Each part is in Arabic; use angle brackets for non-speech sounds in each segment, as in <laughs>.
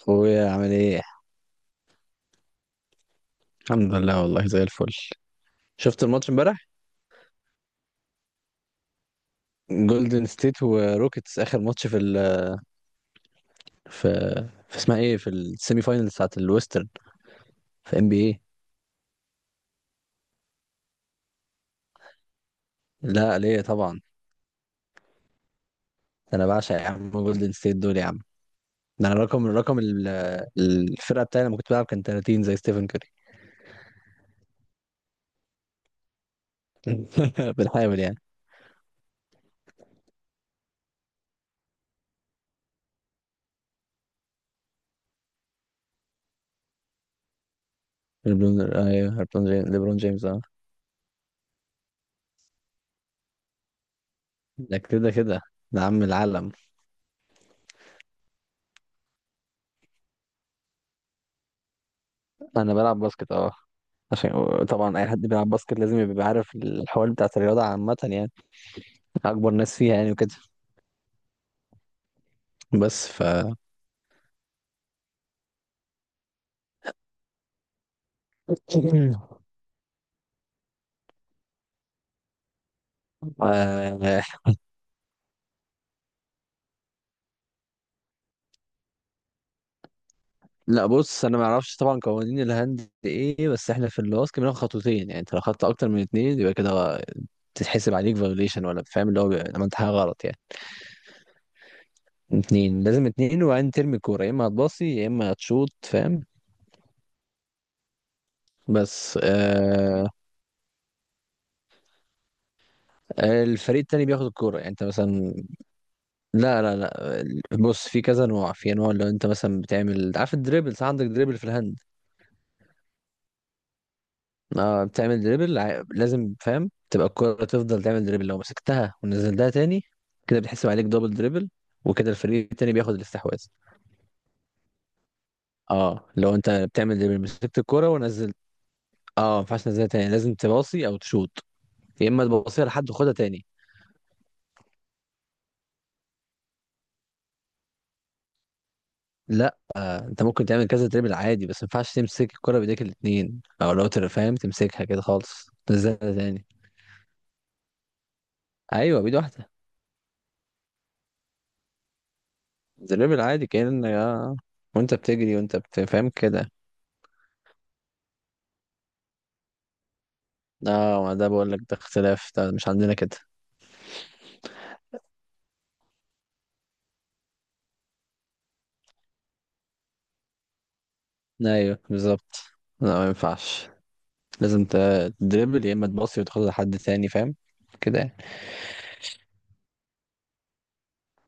اخويا عامل ايه؟ الحمد لله، والله زي الفل. شفت الماتش امبارح؟ جولدن ستيت وروكيتس، اخر ماتش في في, اسمها ايه، في السيمي فاينلز بتاعت الويسترن، في ام بي اي. لا، ليه طبعا، ده انا بعشق يا عم جولدن ستيت دول يا عم. ده انا رقم الفرقه بتاعي لما كنت بلعب كان 30 زي ستيفن كوري. <laughs> بالحامل يعني. ليبرون ايوه، ليبرون جيمس اه، ده كده كده، ده عم العالم. انا بلعب باسكت اه، عشان طبعا اي حد بيلعب باسكت لازم يبقى عارف الحوار بتاعت الرياضه عامه يعني، اكبر ناس فيها يعني وكده. بس ف <coughs> آه... لا بص، انا ما اعرفش طبعا قوانين الهاند ايه، بس احنا في الباسكت بناخد خطوتين، يعني انت لو خدت اكتر من اتنين يبقى كده تتحسب عليك فايوليشن، ولا فاهم اللي هو عملت حاجه غلط يعني. اتنين، لازم اتنين، وبعدين ترمي الكوره، يا اما هتباصي يا اما هتشوط، فاهم؟ بس آه. الفريق التاني بياخد الكوره، يعني انت مثلا. لا لا لا، بص، في كذا نوع، في انواع. لو انت مثلا بتعمل، عارف الدريبل؟ صح، عندك دريبل في الهاند. آه، بتعمل دريبل لازم فاهم تبقى الكرة تفضل تعمل دريبل، لو مسكتها ونزلتها تاني، كده بتحسب عليك دبل دريبل، وكده الفريق التاني بياخد الاستحواذ. اه، لو انت بتعمل دريبل، مسكت الكرة ونزلت. اه، ما ينفعش تنزلها تاني، لازم تباصي او تشوط، يا اما تباصيها لحد وخدها تاني. لا، انت ممكن تعمل كذا دريبل عادي، بس ما ينفعش تمسك الكرة بايديك الاتنين، او لو فاهم، تمسكها كده خالص تنزلها تاني. ايوه، بيد واحدة. دريبل عادي، كأن يا، وانت بتجري وانت بتفهم كده. اه، ما ده بقول لك، ده اختلاف، ده مش عندنا كده. ايوه بالظبط. لا ما ينفعش، لازم تدريبل، يا اما تباصي وتاخد لحد تاني، فاهم؟ كده يعني.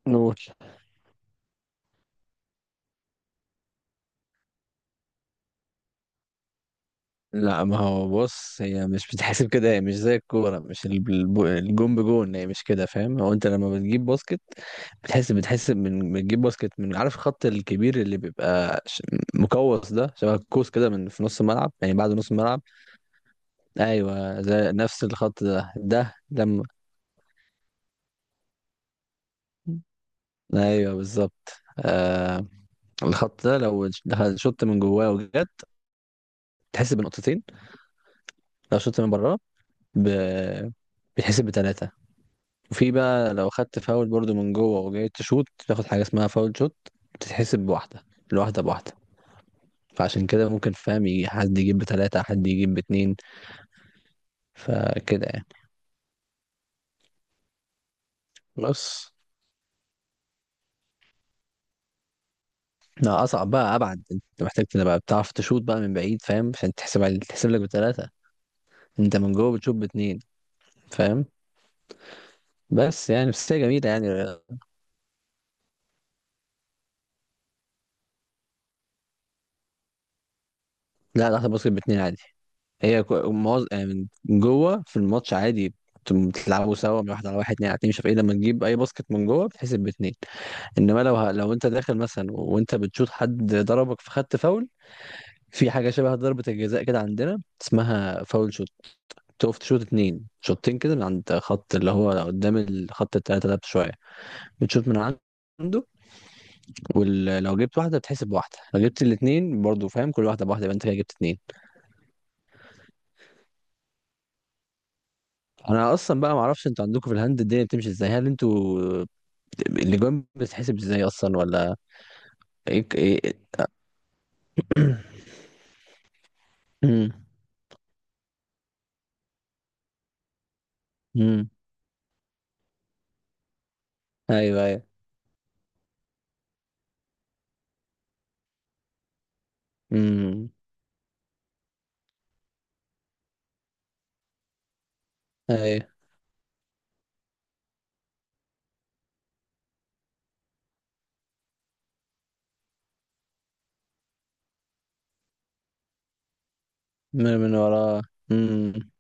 نقول، لا، ما هو بص، هي مش بتحسب كده، هي مش زي الكوره، مش الب- الب- الجون بجون، هي مش كده، فاهم؟ هو انت لما بتجيب باسكت، بتحس من بتجيب باسكت، من عارف الخط الكبير، اللي بيبقى مقوس، ده شبه القوس كده، من في نص الملعب، يعني بعد نص الملعب. ايوه زي نفس الخط ده، ده لما، ايوه بالظبط. آه، الخط ده لو شط من جواه وجت، تحسب بنقطتين. لو شط من براه، ب... بيتحسب بتلاتة. وفي بقى، لو خدت فاول برضو من جوه وجاي تشوت، تاخد حاجة اسمها فاول شوت، بتتحسب بواحدة، الواحدة بواحدة. فعشان كده ممكن، فاهم، يجي حد يجيب بتلاتة، حد يجيب باتنين، فكده يعني. بس لا، أصعب بقى، أبعد، أنت محتاج تبقى بتعرف تشوت بقى من بعيد، فاهم، عشان تحسب، تحسب لك بتلاتة. انت من جوه بتشوف باتنين، فاهم؟ بس يعني، بس هي جميله يعني. لا لحظه، باسكت باتنين عادي. هي يعني من جوه في الماتش عادي بتلعبوا سوا، من واحد على واحد، اتنين على اتنين، مش عارف ايه، لما تجيب اي باسكت من جوه بتحسب باتنين. انما لو لو انت داخل مثلا وانت بتشوط، حد ضربك فخدت فاول، في حاجه شبه ضربه الجزاء كده عندنا، اسمها فاول شوت، تقف تشوط اتنين، شوطين كده من عند خط اللي هو قدام الخط التلاته ده بشويه، بتشوط من عنده. ولو جبت واحده بتحسب بواحده، لو جبت الاثنين برضو، فاهم، كل واحده بواحده، يبقى انت كده جبت اثنين. انا اصلا بقى ما اعرفش انتوا عندكم في الهند الدنيا بتمشي ازاي، هل انتوا الاجوان بتتحسب ازاي اصلا ولا؟ ايه ايه. <clears throat> مم. مم. ايوه ايوه. مم. ايوه. من من وراه. مم.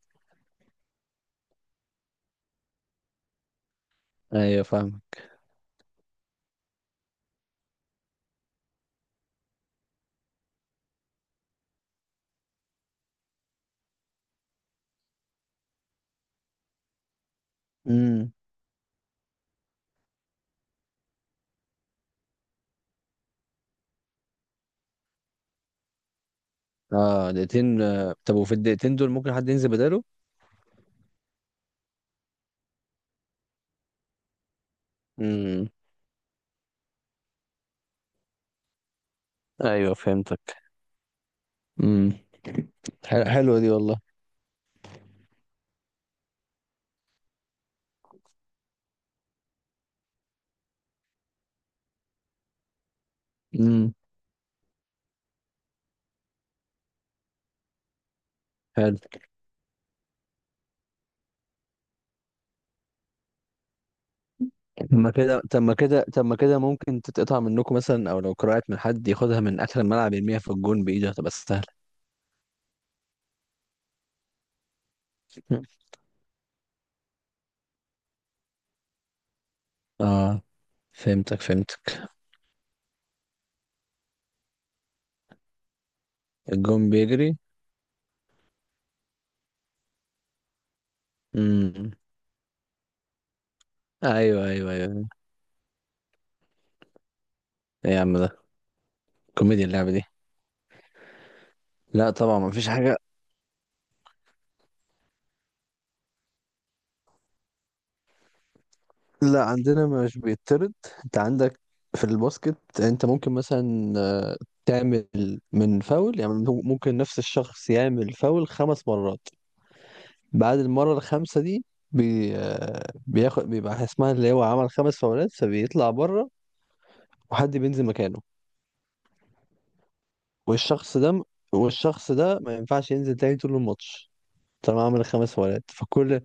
ايوه فاهم. مم. اه دقيقتين. آه، طب وفي الدقيقتين دول ممكن حد ينزل بداله؟ مم. ايوه فهمتك. مم. حلوه دي والله. مم. حلو. طب ما كده طب ما كده طب ما كده ممكن تتقطع منكم مثلا، او لو كرهت من حد ياخدها من اخر الملعب يرميها في الجون بايده، هتبقى سهله. اه فهمتك فهمتك. الجون بيجري. امم. ايوه ايوه ايوه. ايه يا عم ده، كوميديا اللعبه دي. لا طبعا ما فيش حاجه. لا، عندنا مش بيطرد. انت عندك، في الباسكت انت ممكن مثلا آه، تعمل من فاول، يعني ممكن نفس الشخص يعمل فاول خمس مرات، بعد المرة الخامسة دي آه، بيبقى اسمها اللي هو عمل خمس فاولات، فبيطلع بره وحد بينزل مكانه. والشخص ده والشخص ده ما ينفعش ينزل تاني طول الماتش طالما عمل خمس فاولات، فكل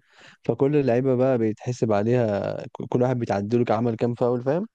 فكل اللعيبة بقى بيتحسب عليها كل واحد بيتعدله عمل كام فاول، فاهم؟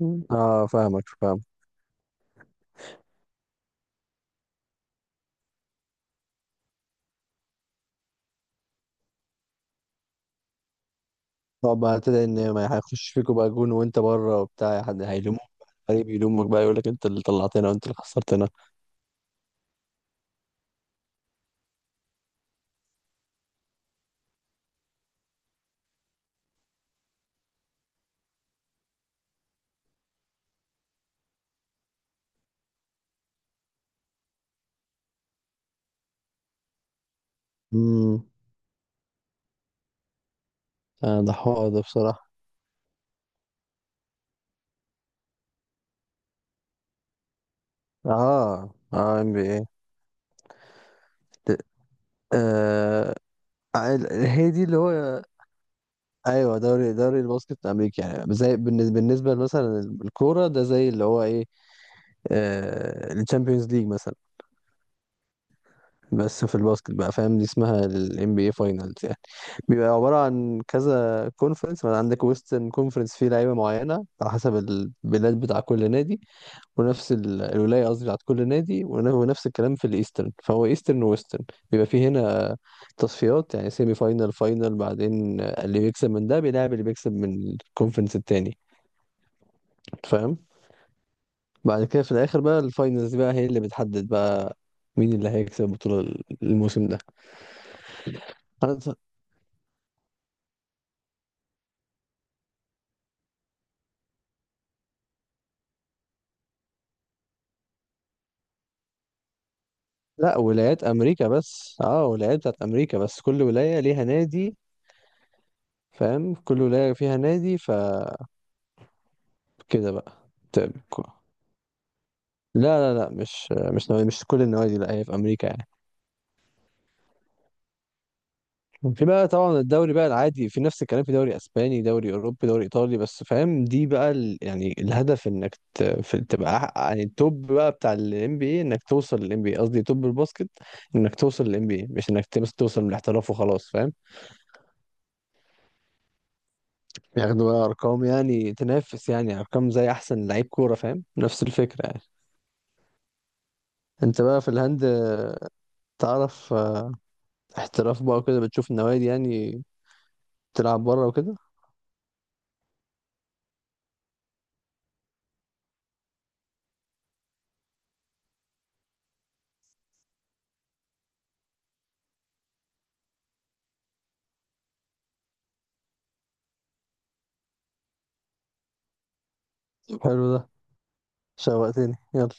مم. اه فاهمك فاهم. طب بقى ابتدى، ان ما هيخش فيكوا بقى جون وانت بره وبتاع، حد هيلومك؟ الفريق بيلومك بقى، يقول لك انت اللي طلعتنا وانت اللي خسرتنا. امم. آه ده حوار ده بصراحة. اه اه، ام بي اي. آه. هي دي اللي هو. ايوه، دوري دوري الباسكت الامريكي، يعني زي بالنسبه بالنسبه مثلا الكوره، ده زي اللي هو ايه، آه الشامبيونز ليج مثلا، بس في الباسكت بقى، فاهم، دي اسمها الام بي اي فاينلز يعني. بيبقى عباره عن كذا كونفرنس، عندك ويسترن كونفرنس فيه لعيبه معينه على حسب البلاد بتاع كل نادي، ونفس الولايه قصدي بتاعت كل نادي، ونفس الكلام في الايسترن، فهو ايسترن وويسترن. بيبقى فيه هنا تصفيات، يعني سيمي فاينال، فاينال، بعدين اللي بيكسب من ده بيلعب اللي بيكسب من الكونفرنس التاني، فاهم؟ بعد كده في الاخر بقى الفاينلز بقى، هي اللي بتحدد بقى مين اللي هيكسب البطوله، الموسم ده. أنا ت- لا، ولايات امريكا بس، اه ولايات بتاعت امريكا بس، كل ولايه ليها نادي، فاهم، كل ولايه فيها نادي فكده بقى. طيب. لا لا لا، مش مش نوادي، مش كل النوادي، لا هي في امريكا يعني. في بقى طبعا الدوري بقى العادي، في نفس الكلام في دوري اسباني، دوري اوروبي، دوري ايطالي، بس فاهم، دي بقى يعني الهدف، انك تبقى يعني التوب بقى بتاع الام بي اي، انك توصل للام بي اي، قصدي توب الباسكت، انك توصل للام بي اي، مش انك تبس توصل للاحتراف وخلاص، فاهم؟ بياخدوا بقى ارقام، يعني تنافس، يعني ارقام زي احسن لعيب كوره، فاهم، نفس الفكره يعني. انت بقى في الهند تعرف آه، احتراف بقى وكده، بتشوف النوادي يعني، تلعب بره وكده. حلو ده، شوقتني، يلا.